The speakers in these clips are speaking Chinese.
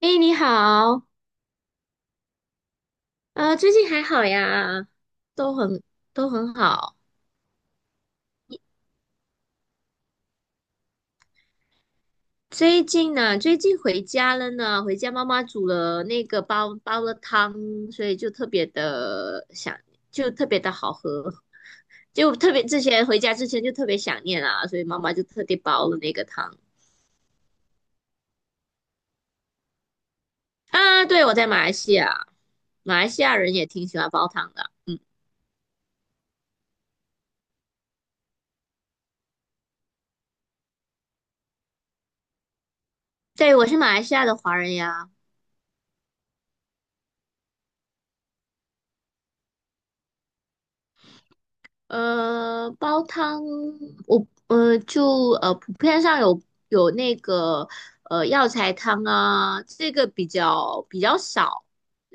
哎，你好，最近还好呀，都很都很好。最近回家了呢，回家妈妈煮了那个煲了汤，所以就特别的想，就特别的好喝，就特别之前回家之前就特别想念啊，所以妈妈就特地煲了那个汤啊。对，我在马来西亚，马来西亚人也挺喜欢煲汤的。对，我是马来西亚的华人呀。煲汤，我就普遍上有那个药材汤啊，这个比较少，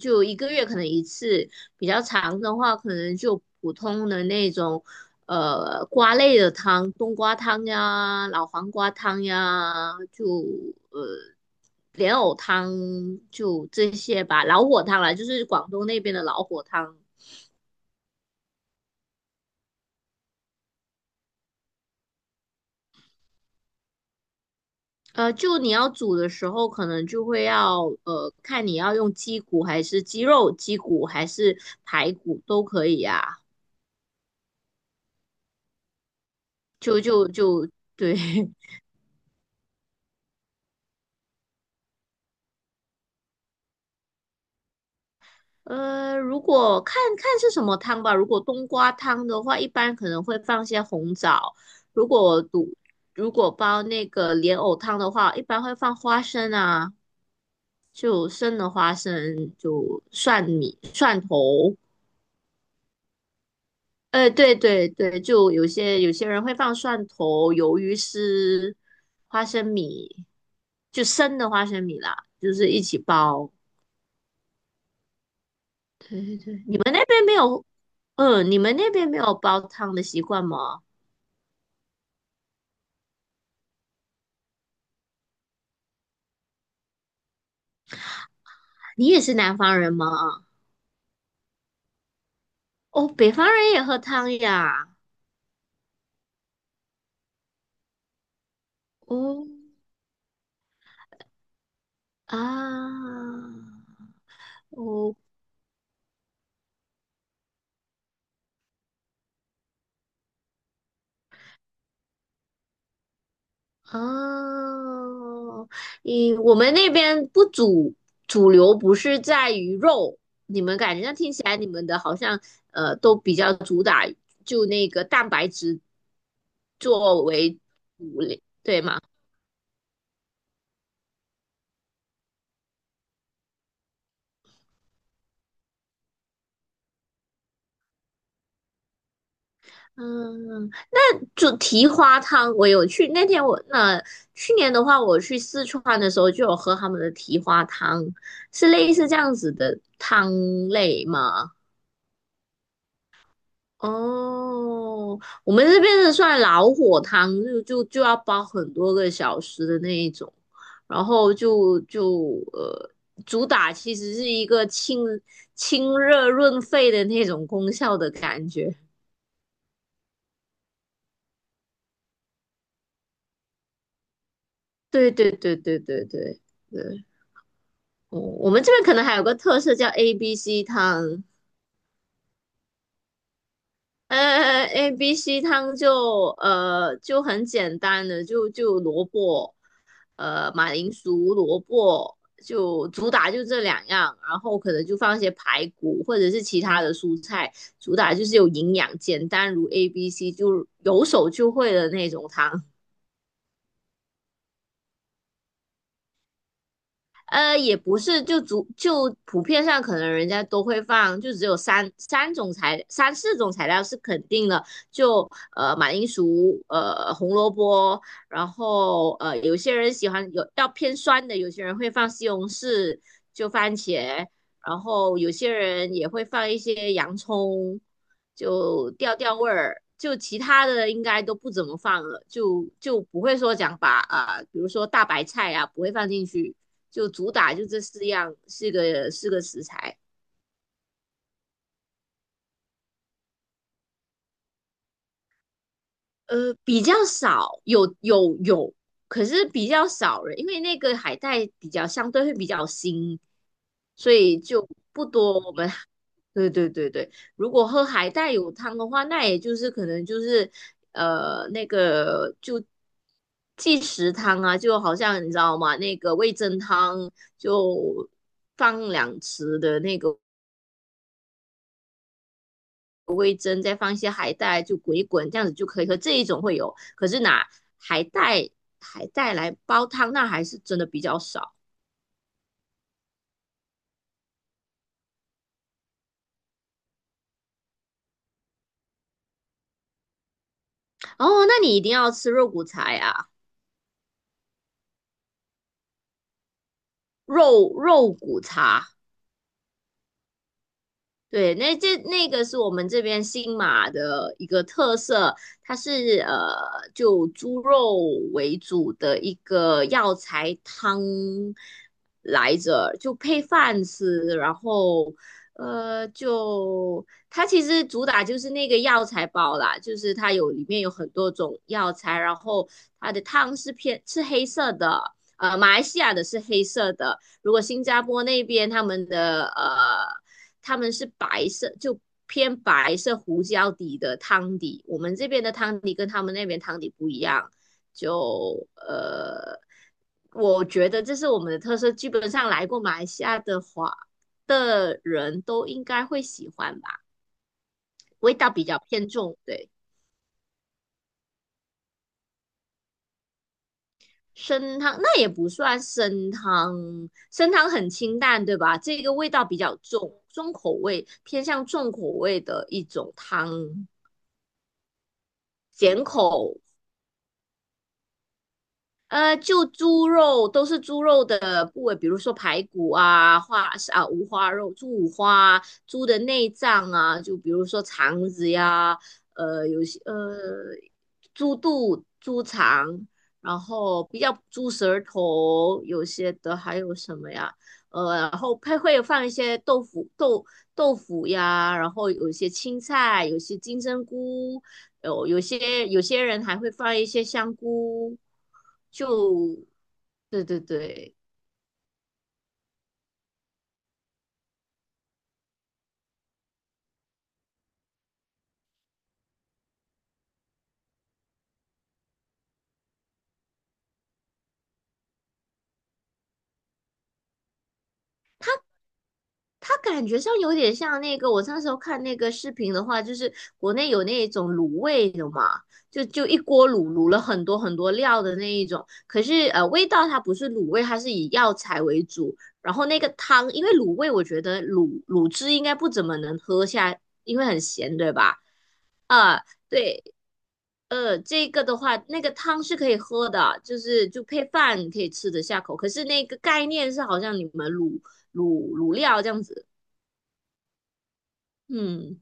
就一个月可能一次，比较长的话可能就普通的那种瓜类的汤，冬瓜汤呀、老黄瓜汤呀，就呃莲藕汤就这些吧，老火汤啦，就是广东那边的老火汤。就你要煮的时候，可能就会要看你要用鸡骨还是鸡肉，鸡骨还是排骨都可以啊。就就就对，如果看看是什么汤吧。如果冬瓜汤的话，一般可能会放些红枣；如果煮如果煲那个莲藕汤的话，一般会放花生啊，就生的花生，就蒜米、蒜头。对对对，就有些人会放蒜头、鱿鱼丝、花生米，就生的花生米啦，就是一起煲。你们那边没有，你们那边没有煲汤的习惯吗？你也是南方人吗？哦，北方人也喝汤呀。哦，啊，哦。哦，我们那边不主主流不是在于肉，你们感觉那听起来你们的好像都比较主打就那个蛋白质作为主力，对吗？嗯，就蹄花汤，我有去那天我那去年的话，我去四川的时候就有喝他们的蹄花汤，是类似这样子的汤类吗？哦，我们这边的算老火汤，就要煲很多个小时的那一种，然后就就呃，主打其实是一个清热润肺的那种功效的感觉。对对对对对对对，我们这边可能还有个特色叫 ABC 汤，A B C 汤就很简单的，就萝卜，马铃薯、萝卜，就主打就这两样，然后可能就放一些排骨或者是其他的蔬菜，主打就是有营养，简单如 A B C，就有手就会的那种汤。也不是，就普遍上可能人家都会放，就只有三四种材料是肯定的，就马铃薯、红萝卜，然后有些人喜欢要偏酸的，有些人会放西红柿，就番茄，然后有些人也会放一些洋葱，就调味儿，就其他的应该都不怎么放了，就不会说把啊、比如说大白菜啊不会放进去，就主打就这四样，四个食材。比较少，有有有，可是比较少了，因为那个海带相对会比较腥，所以就不多，对对对对，如果喝海带汤的话，那也就是可能就是那个就即食汤啊，就好像你知道吗？那个味噌汤就放两匙的那个味噌，再放一些海带，就滚一滚，这样子就可以喝。这一种会有，可是拿海带海带来煲汤，那还是真的比较少。哦，那你一定要吃肉骨茶呀，肉骨茶。对，那个是我们这边新马的一个特色，它是就猪肉为主的一个药材汤来着，就配饭吃，然后就它其实主打就是那个药材包啦，就是它里面有很多种药材，然后它的汤是黑色的，马来西亚的是黑色的，如果新加坡那边他们的,他们是白色，就偏白色胡椒底的汤底。我们这边的汤底跟他们那边汤底不一样，就呃，我觉得这是我们的特色。基本上来过马来西亚的话的人都应该会喜欢吧，味道比较偏重，对。生汤那也不算生汤，生汤很清淡，对吧？这个味道比较重，重口味，偏向重口味的一种汤，咸口。就猪肉都是猪肉的部位，比如说排骨啊、五花肉、猪五花、猪的内脏啊，就比如说肠子呀，呃，有些呃，猪肚、猪肠，然后比较猪舌头，有些的还有什么呀？然后配会放一些豆腐、豆腐呀，然后有一些青菜，有些金针菇，有些人还会放一些香菇，就对对对，它感觉上有点像那个我那时候看那个视频的话，就是国内有那种卤味的嘛，就一锅卤了很多很多料的那一种，可是味道它不是卤味，它是以药材为主，然后那个汤，因为卤味我觉得卤汁应该不怎么能喝下，因为很咸，对吧？啊，对，这个的话，那个汤是可以喝的，就是就配饭可以吃得下口。可是那个概念是好像你们卤料这样子，嗯，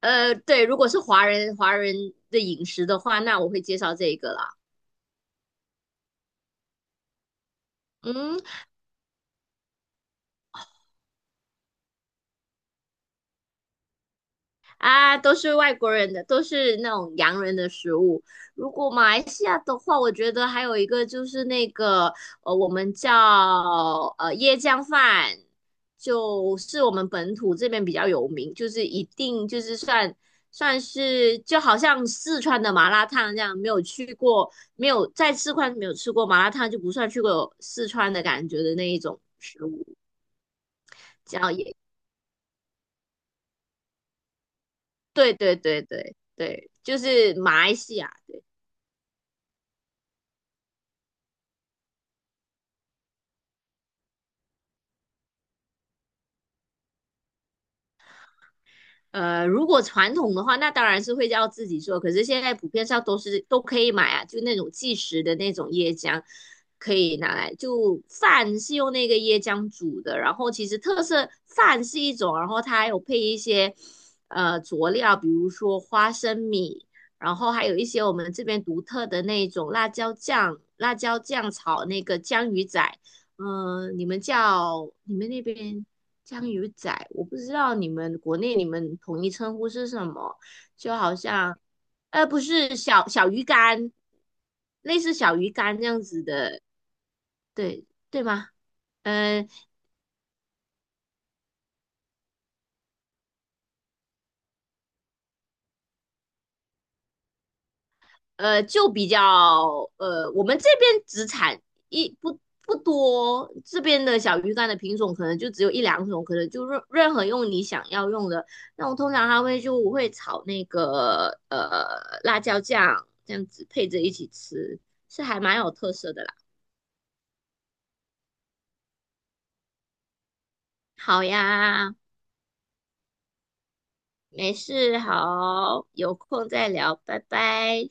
对，如果是华人的饮食的话，那我会介绍这个啦。嗯。啊，都是外国人的，都是那种洋人的食物。如果马来西亚的话，我觉得还有一个就是那个，我们叫椰浆饭，就是我们本土这边比较有名，就是一定就是算是就好像四川的麻辣烫这样，没有去过，没有在四川没有吃过麻辣烫，就不算去过四川的感觉的那一种食物。叫椰，对对对对对，就是马来西亚。对，如果传统的话，那当然是会要自己做。可是现在普遍上都可以买啊，就那种即食的那种椰浆，可以拿来。就饭是用那个椰浆煮的，然后其实特色饭是一种，然后它还有配一些佐料，比如说花生米，然后还有一些我们这边独特的那种辣椒酱，辣椒酱炒那个江鱼仔。嗯、你们那边江鱼仔，我不知道你们国内你们统一称呼是什么，就好像，不是小鱼干，类似小鱼干这样子的，对吗？嗯。就比较我们这边只产一不不多，这边的小鱼干的品种可能就只有一两种，可能就任何用你想要用的。那我通常它会就我会炒那个辣椒酱，这样子配着一起吃，是还蛮有特色的啦。好呀，没事，好，有空再聊，拜拜。